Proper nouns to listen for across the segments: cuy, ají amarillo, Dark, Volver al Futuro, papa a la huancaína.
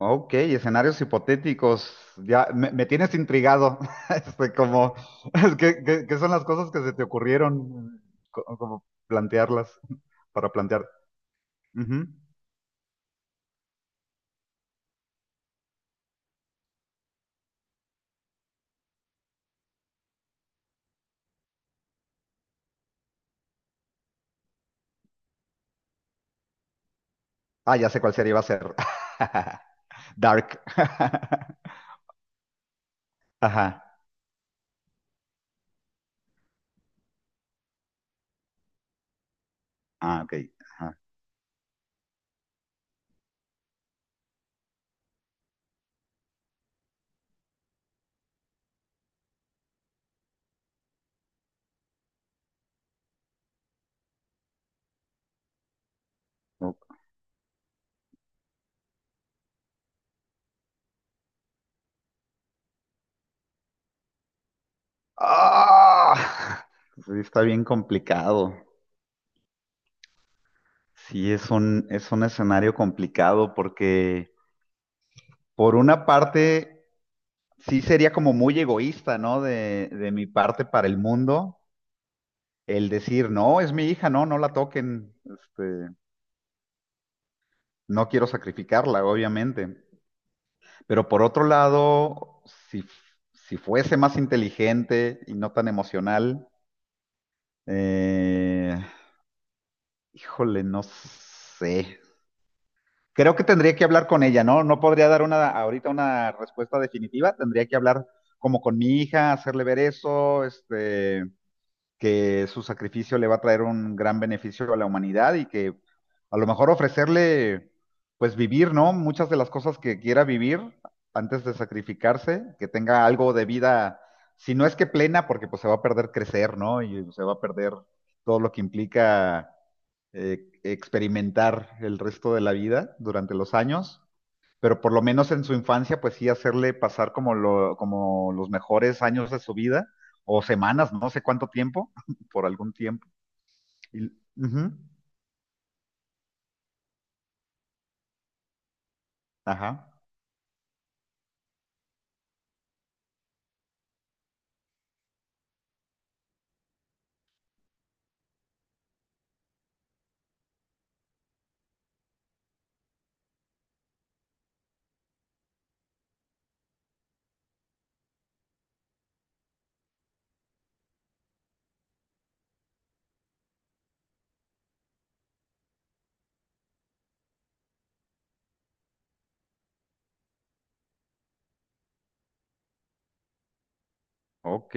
Ok, escenarios hipotéticos. Ya me tienes intrigado. Este, como, ¿ qué son las cosas que se te ocurrieron? Como, plantearlas, para plantear. Ujú. Ah, ya sé cuál serie va a ser. Dark. Ajá. Ah, ok. Ajá. O- ¡Ah! Sí, está bien complicado. Sí, es un escenario complicado porque por una parte. Sí sería como muy egoísta, ¿no? De mi parte para el mundo, el decir, no, es mi hija, no la toquen, este, no quiero sacrificarla, obviamente. Pero por otro lado, si, si fuese más inteligente y no tan emocional, eh, híjole, no sé. Creo que tendría que hablar con ella, ¿no? No podría dar una ahorita una respuesta definitiva, tendría que hablar como con mi hija, hacerle ver eso, este, que su sacrificio le va a traer un gran beneficio a la humanidad y que a lo mejor ofrecerle, pues vivir, ¿no? Muchas de las cosas que quiera vivir antes de sacrificarse, que tenga algo de vida, si no es que plena, porque pues se va a perder crecer, ¿no? Y se va a perder todo lo que implica experimentar el resto de la vida durante los años, pero por lo menos en su infancia, pues sí hacerle pasar como, como los mejores años de su vida, o semanas, no sé cuánto tiempo, por algún tiempo. Y- ujú, Ajá, ok.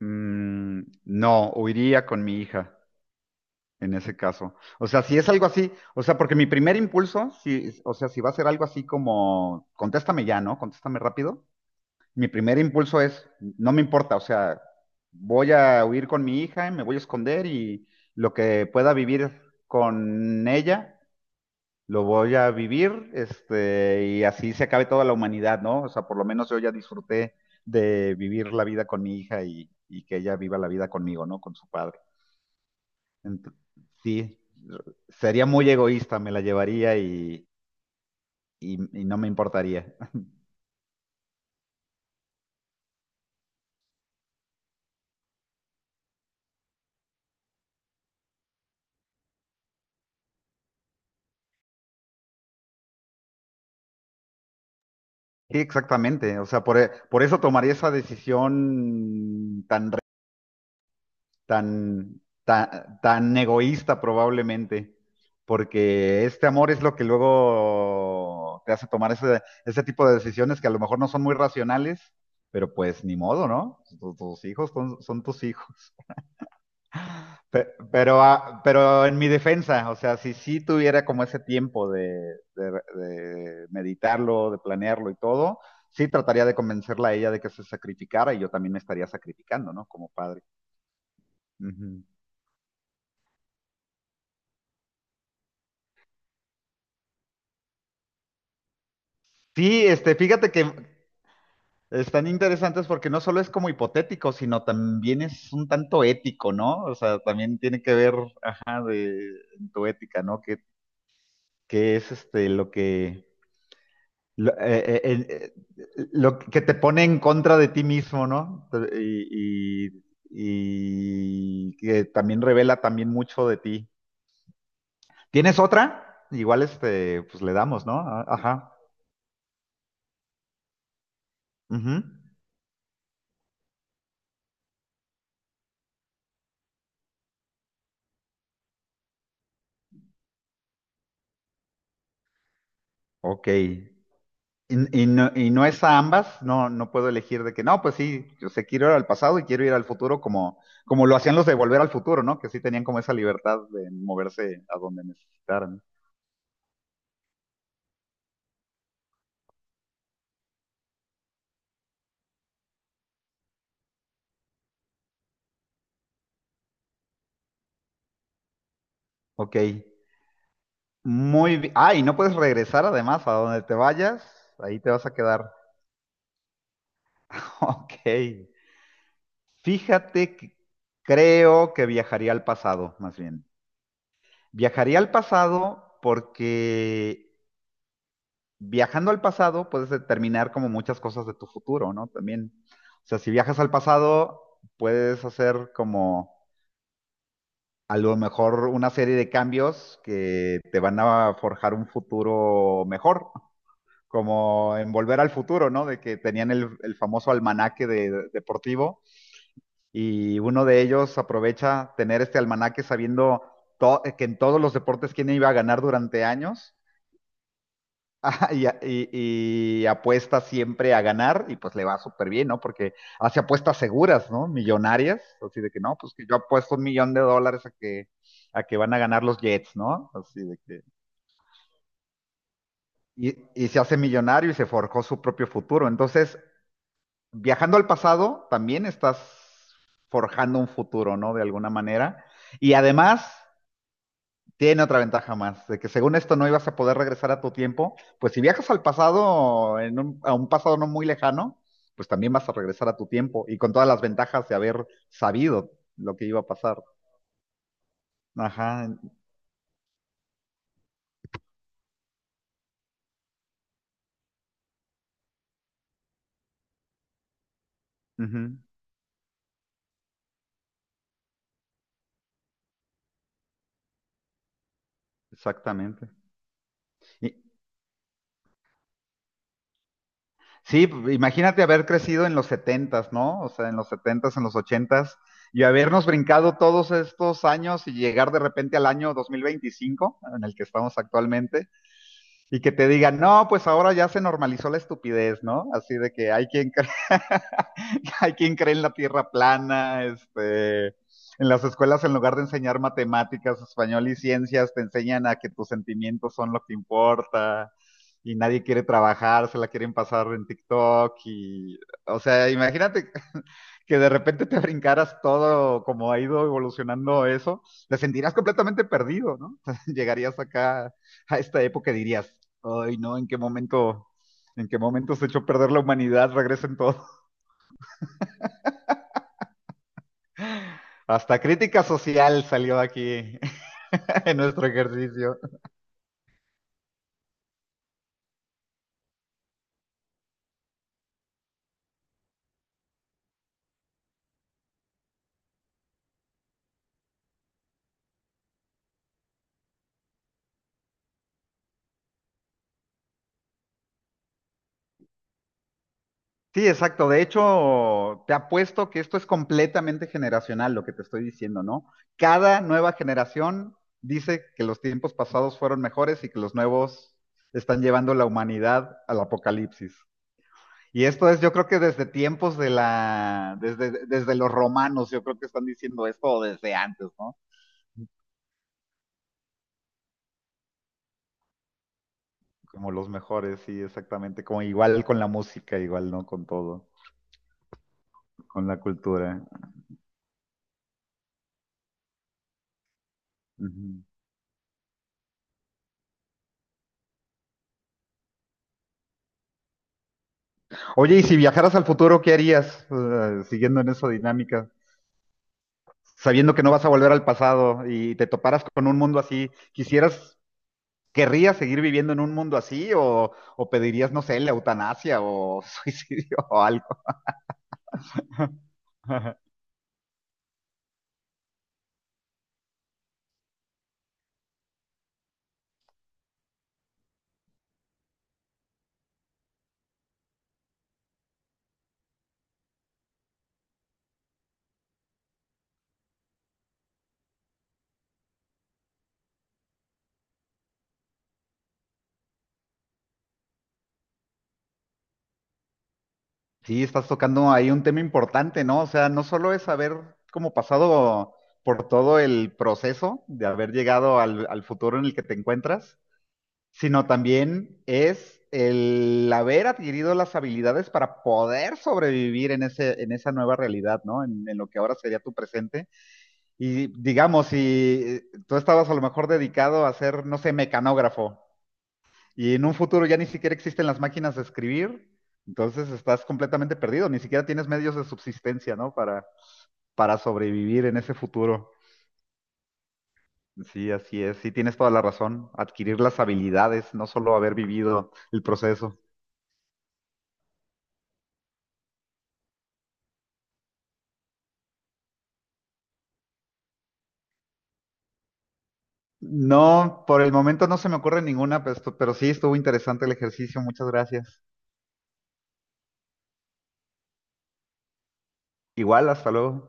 No, huiría con mi hija en ese caso. O sea, si es algo así, o sea, porque mi primer impulso, si, o sea, si va a ser algo así como, contéstame ya, ¿no? Contéstame rápido. Mi primer impulso es, no me importa, o sea, voy a huir con mi hija, me voy a esconder y lo que pueda vivir con ella, lo voy a vivir, este, y así se acabe toda la humanidad, ¿no? O sea, por lo menos yo ya disfruté de vivir la vida con mi hija y que ella viva la vida conmigo, ¿no? Con su padre. Ent- sí, sería muy egoísta, me la llevaría y y no me importaría. Sí, exactamente. Por eso tomaría esa decisión tan, tan, tan egoísta probablemente, porque este amor es lo que luego te hace tomar ese, ese tipo de decisiones que a lo mejor no son muy racionales, pero pues ni modo, ¿no? Tus, hijos son, son tus hijos. Pero, ah, pero en mi defensa, o sea, si sí tuviera como ese tiempo de, de meditarlo, de planearlo y todo, sí trataría de convencerla a ella de que se sacrificara y yo también me estaría sacrificando, ¿no? Como padre. Ujú. Sí, este, fíjate que están interesantes porque no solo es como hipotético, sino también es un tanto ético, ¿no? O sea, también tiene que ver, ajá, de en tu ética, ¿no? ¿Qué qué es este lo que te pone en contra de ti mismo, ¿no? Y, y- y que también revela también mucho de ti. ¿Tienes otra? Igual este, pues le damos, ¿no? Ah, Ajá. Ujú. Ok. Y no es a ambas, no, no puedo elegir de que no, pues sí, yo sé, quiero ir al pasado y quiero ir al futuro como, como lo hacían los de Volver al Futuro, ¿no? Que sí tenían como esa libertad de moverse a donde necesitaran. Ok. Muy bien. Ah, y no puedes regresar además a donde te vayas, ahí te vas a quedar. Ok. Fíjate que creo que viajaría al pasado, más bien. Viajaría al pasado porque viajando al pasado puedes determinar como muchas cosas de tu futuro, ¿no? También. O sea, si viajas al pasado, puedes hacer como a lo mejor una serie de cambios que te van a forjar un futuro mejor. Como en Volver al Futuro, ¿no? De que tenían el famoso almanaque de, deportivo y uno de ellos aprovecha tener este almanaque sabiendo que en todos los deportes quién iba a ganar durante años ah, y, a- y- y apuesta siempre a ganar y pues le va súper bien, ¿no? Porque hace apuestas seguras, ¿no? Millonarias, así de que no, pues que yo apuesto $1,000,000 a que van a ganar los Jets, ¿no? Así de que... Y, y se hace millonario y se forjó su propio futuro. Entonces, viajando al pasado, también estás forjando un futuro, ¿no? De alguna manera. Y además, tiene otra ventaja más, de que según esto no ibas a poder regresar a tu tiempo, pues si viajas al pasado, a un pasado no muy lejano, pues también vas a regresar a tu tiempo y con todas las ventajas de haber sabido lo que iba a pasar. Ajá, ujú, exactamente. Y, sí, imagínate haber crecido en los setentas, ¿no? O sea, en los setentas, en los ochentas, y habernos brincado todos estos años y llegar de repente al año 2025, en el que estamos actualmente, y que te digan, no, pues ahora ya se normalizó la estupidez, ¿no? Así de que hay quien cree. Hay quien cree en la tierra plana, este, en las escuelas en lugar de enseñar matemáticas, español y ciencias, te enseñan a que tus sentimientos son lo que importa y nadie quiere trabajar, se la quieren pasar en TikTok y, o sea, imagínate que de repente te brincaras todo como ha ido evolucionando eso, te sentirías completamente perdido, ¿no? Llegarías acá a esta época y dirías, ay, no, en qué momento se echó a perder la humanidad? Regresen todos. Hasta crítica social salió aquí en nuestro ejercicio. Sí, exacto. De hecho, te apuesto que esto es completamente generacional lo que te estoy diciendo, ¿no? Cada nueva generación dice que los tiempos pasados fueron mejores y que los nuevos están llevando la humanidad al apocalipsis. Y esto es, yo creo que desde tiempos de la, desde, desde los romanos, yo creo que están diciendo esto o desde antes, ¿no? Como los mejores, sí, exactamente. Como igual con la música, igual, ¿no? Con todo. Con la cultura. Ujú. Oye, y si viajaras al futuro, ¿qué harías? Siguiendo en esa dinámica, sabiendo que no vas a volver al pasado y te toparas con un mundo así, ¿quisieras, querrías seguir viviendo en un mundo así o pedirías, no sé, la eutanasia o suicidio o algo? Sí, estás tocando ahí un tema importante, ¿no? O sea, no solo es haber como pasado por todo el proceso de haber llegado al, al futuro en el que te encuentras, sino también es el haber adquirido las habilidades para poder sobrevivir en ese, en esa nueva realidad, ¿no? En lo que ahora sería tu presente. Y digamos, si tú estabas a lo mejor dedicado a ser, no sé, mecanógrafo, y en un futuro ya ni siquiera existen las máquinas de escribir, entonces estás completamente perdido, ni siquiera tienes medios de subsistencia, ¿no? Para sobrevivir en ese futuro. Sí, así es, sí tienes toda la razón, adquirir las habilidades, no solo haber vivido el proceso. No, por el momento no se me ocurre ninguna, pues, pero sí estuvo interesante el ejercicio. Muchas gracias. Igual, hasta luego.